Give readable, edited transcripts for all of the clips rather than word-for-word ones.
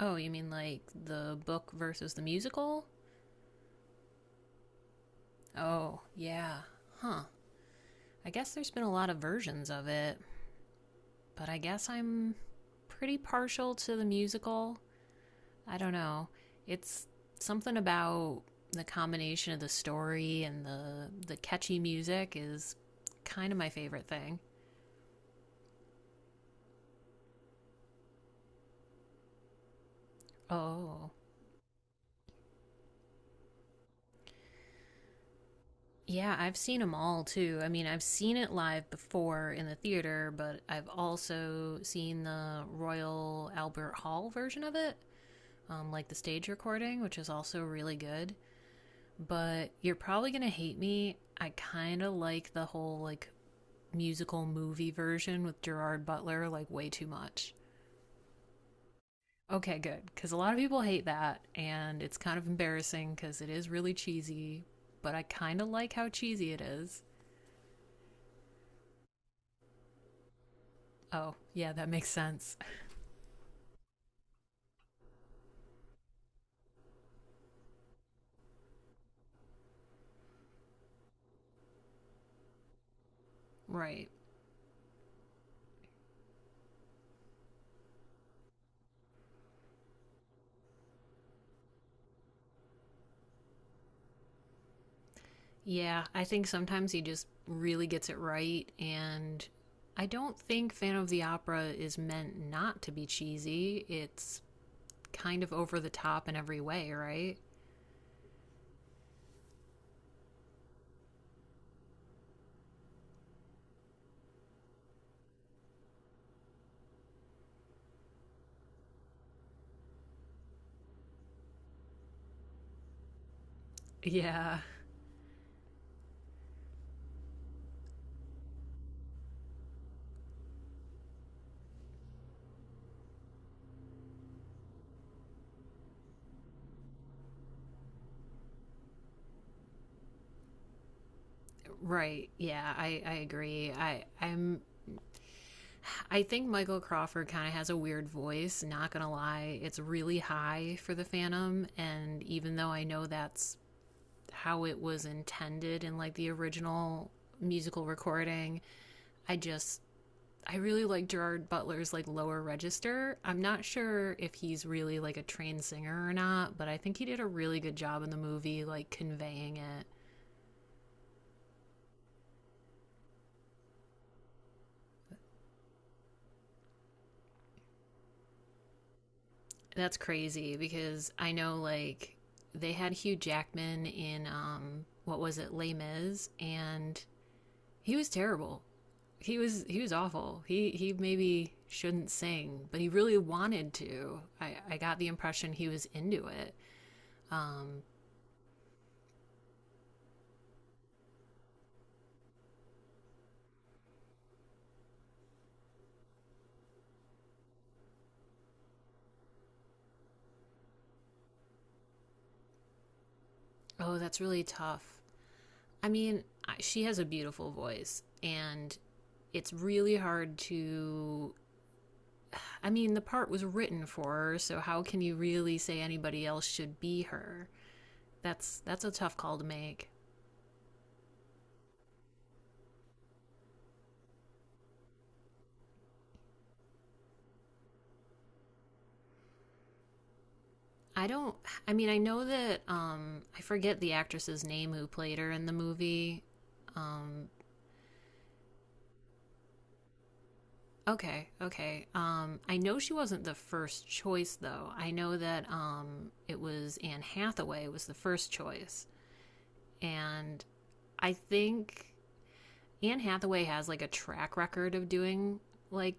Oh, you mean like the book versus the musical? Oh, yeah. Huh. I guess there's been a lot of versions of it, but I guess I'm pretty partial to the musical. I don't know. It's something about the combination of the story and the catchy music is kind of my favorite thing. Oh, yeah, I've seen them all too. I mean, I've seen it live before in the theater, but I've also seen the Royal Albert Hall version of it, like the stage recording, which is also really good. But you're probably gonna hate me. I kind of like the whole like musical movie version with Gerard Butler like way too much. Okay, good, because a lot of people hate that, and it's kind of embarrassing because it is really cheesy. But I kind of like how cheesy it is. Oh, yeah, that makes sense. Right. Yeah, I think sometimes he just really gets it right. And I don't think Phantom of the Opera is meant not to be cheesy. It's kind of over the top in every way, right? Yeah, right. Yeah, I agree. I'm I think Michael Crawford kind of has a weird voice, not gonna lie. It's really high for the Phantom, and even though I know that's how it was intended in like the original musical recording, I just I really like Gerard Butler's like lower register. I'm not sure if he's really like a trained singer or not, but I think he did a really good job in the movie like conveying it. That's crazy because I know like they had Hugh Jackman in what was it, Les Mis, and he was terrible. He was awful. He maybe shouldn't sing, but he really wanted to. I got the impression he was into it. Um oh, that's really tough. I mean, she has a beautiful voice, and it's really hard to. I mean, the part was written for her, so how can you really say anybody else should be her? That's a tough call to make. I don't. I mean, I know that. I forget the actress's name who played her in the movie. Um, okay, okay. I know she wasn't the first choice though. I know that it was Anne Hathaway was the first choice, and I think Anne Hathaway has like a track record of doing like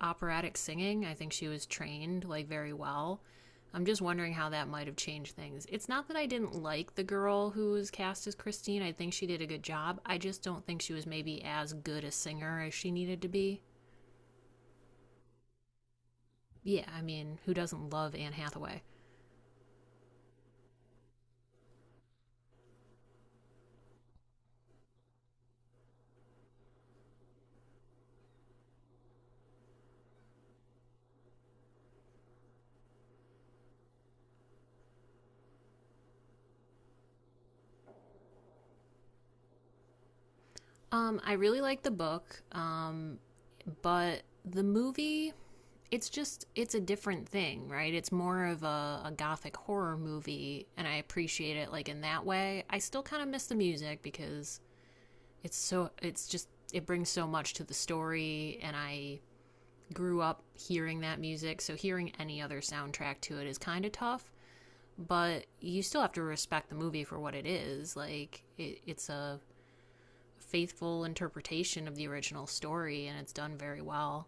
operatic singing. I think she was trained like very well. I'm just wondering how that might have changed things. It's not that I didn't like the girl who was cast as Christine. I think she did a good job. I just don't think she was maybe as good a singer as she needed to be. Yeah, I mean, who doesn't love Anne Hathaway? I really like the book, but the movie it's just it's a different thing, right? It's more of a gothic horror movie, and I appreciate it like in that way. I still kind of miss the music because it's so it's just it brings so much to the story, and I grew up hearing that music, so hearing any other soundtrack to it is kind of tough. But you still have to respect the movie for what it is. Like it's a faithful interpretation of the original story, and it's done very well.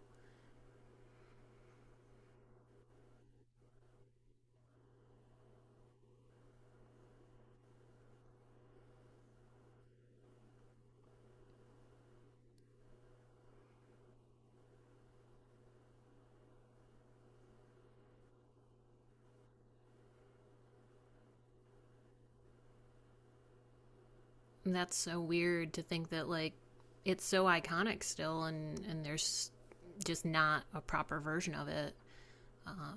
That's so weird to think that like it's so iconic still, and there's just not a proper version of it. Uh,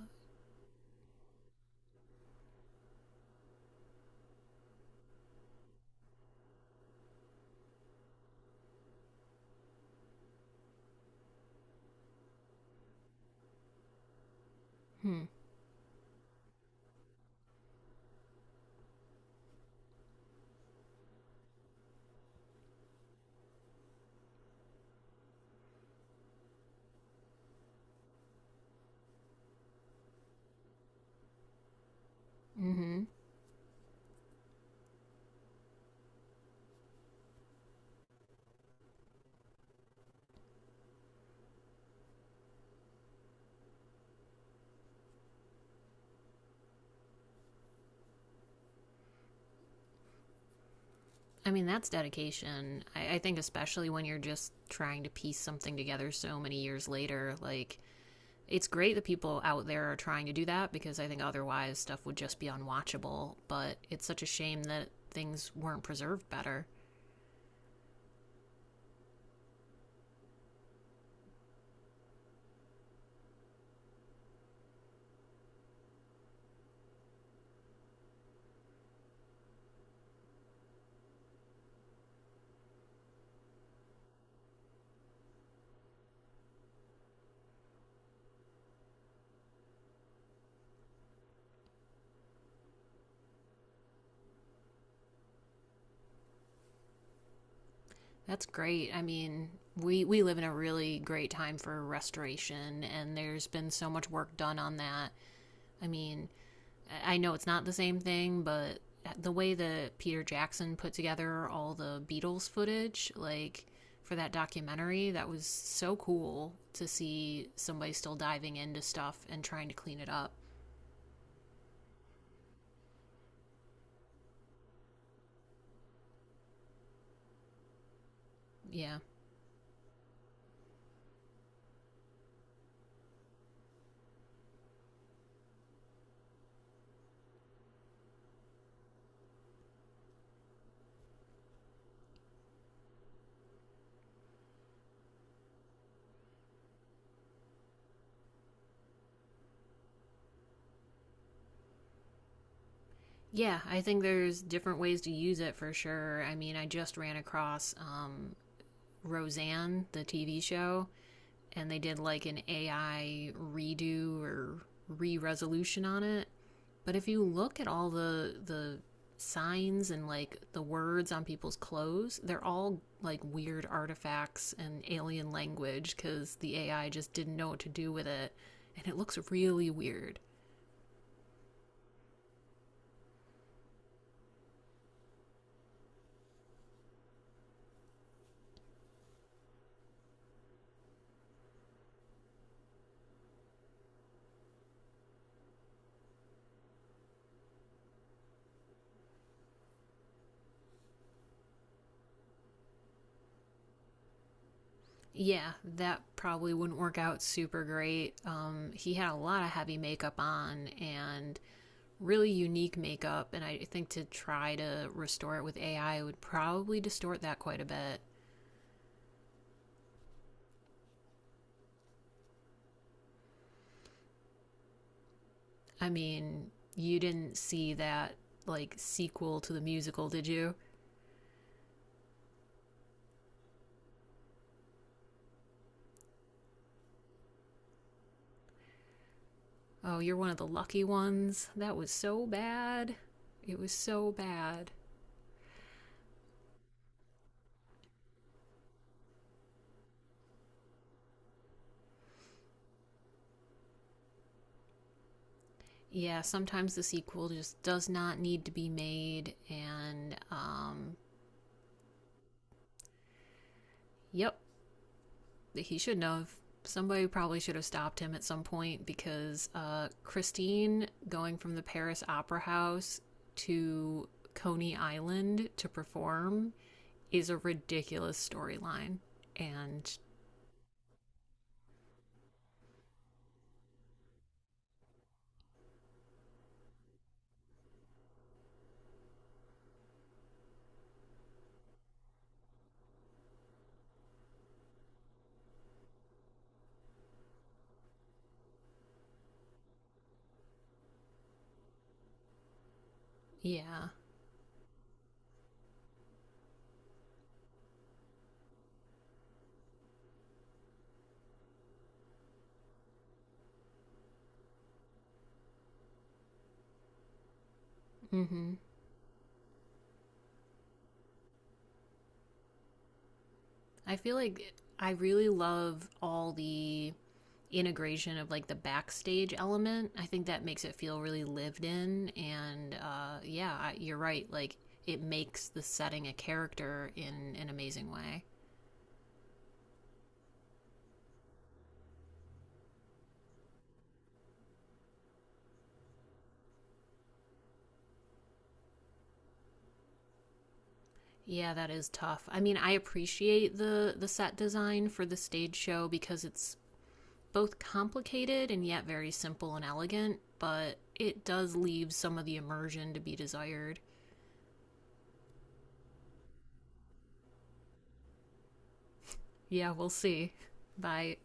hmm. Mm-hmm. I mean, that's dedication. I think especially when you're just trying to piece something together so many years later, like it's great that people out there are trying to do that because I think otherwise stuff would just be unwatchable. But it's such a shame that things weren't preserved better. That's great. I mean, we live in a really great time for restoration, and there's been so much work done on that. I mean, I know it's not the same thing, but the way that Peter Jackson put together all the Beatles footage like for that documentary, that was so cool to see somebody still diving into stuff and trying to clean it up. Yeah. Yeah, I think there's different ways to use it for sure. I mean, I just ran across Roseanne, the TV show, and they did like an AI redo or re-resolution on it. But if you look at all the signs and like the words on people's clothes, they're all like weird artifacts and alien language cuz the AI just didn't know what to do with it, and it looks really weird. Yeah, that probably wouldn't work out super great. He had a lot of heavy makeup on and really unique makeup, and I think to try to restore it with AI would probably distort that quite a bit. I mean, you didn't see that like sequel to the musical, did you? Oh, you're one of the lucky ones. That was so bad. It was so bad. Yeah, sometimes the sequel just does not need to be made, and yep, he should not have. Somebody probably should have stopped him at some point because Christine going from the Paris Opera House to Coney Island to perform is a ridiculous storyline. And yeah, hmm. I feel like I really love all the integration of like the backstage element. I think that makes it feel really lived in. And yeah, you're right. Like it makes the setting a character in an amazing way. Yeah, that is tough. I mean, I appreciate the set design for the stage show because it's both complicated and yet very simple and elegant, but it does leave some of the immersion to be desired. Yeah, we'll see. Bye.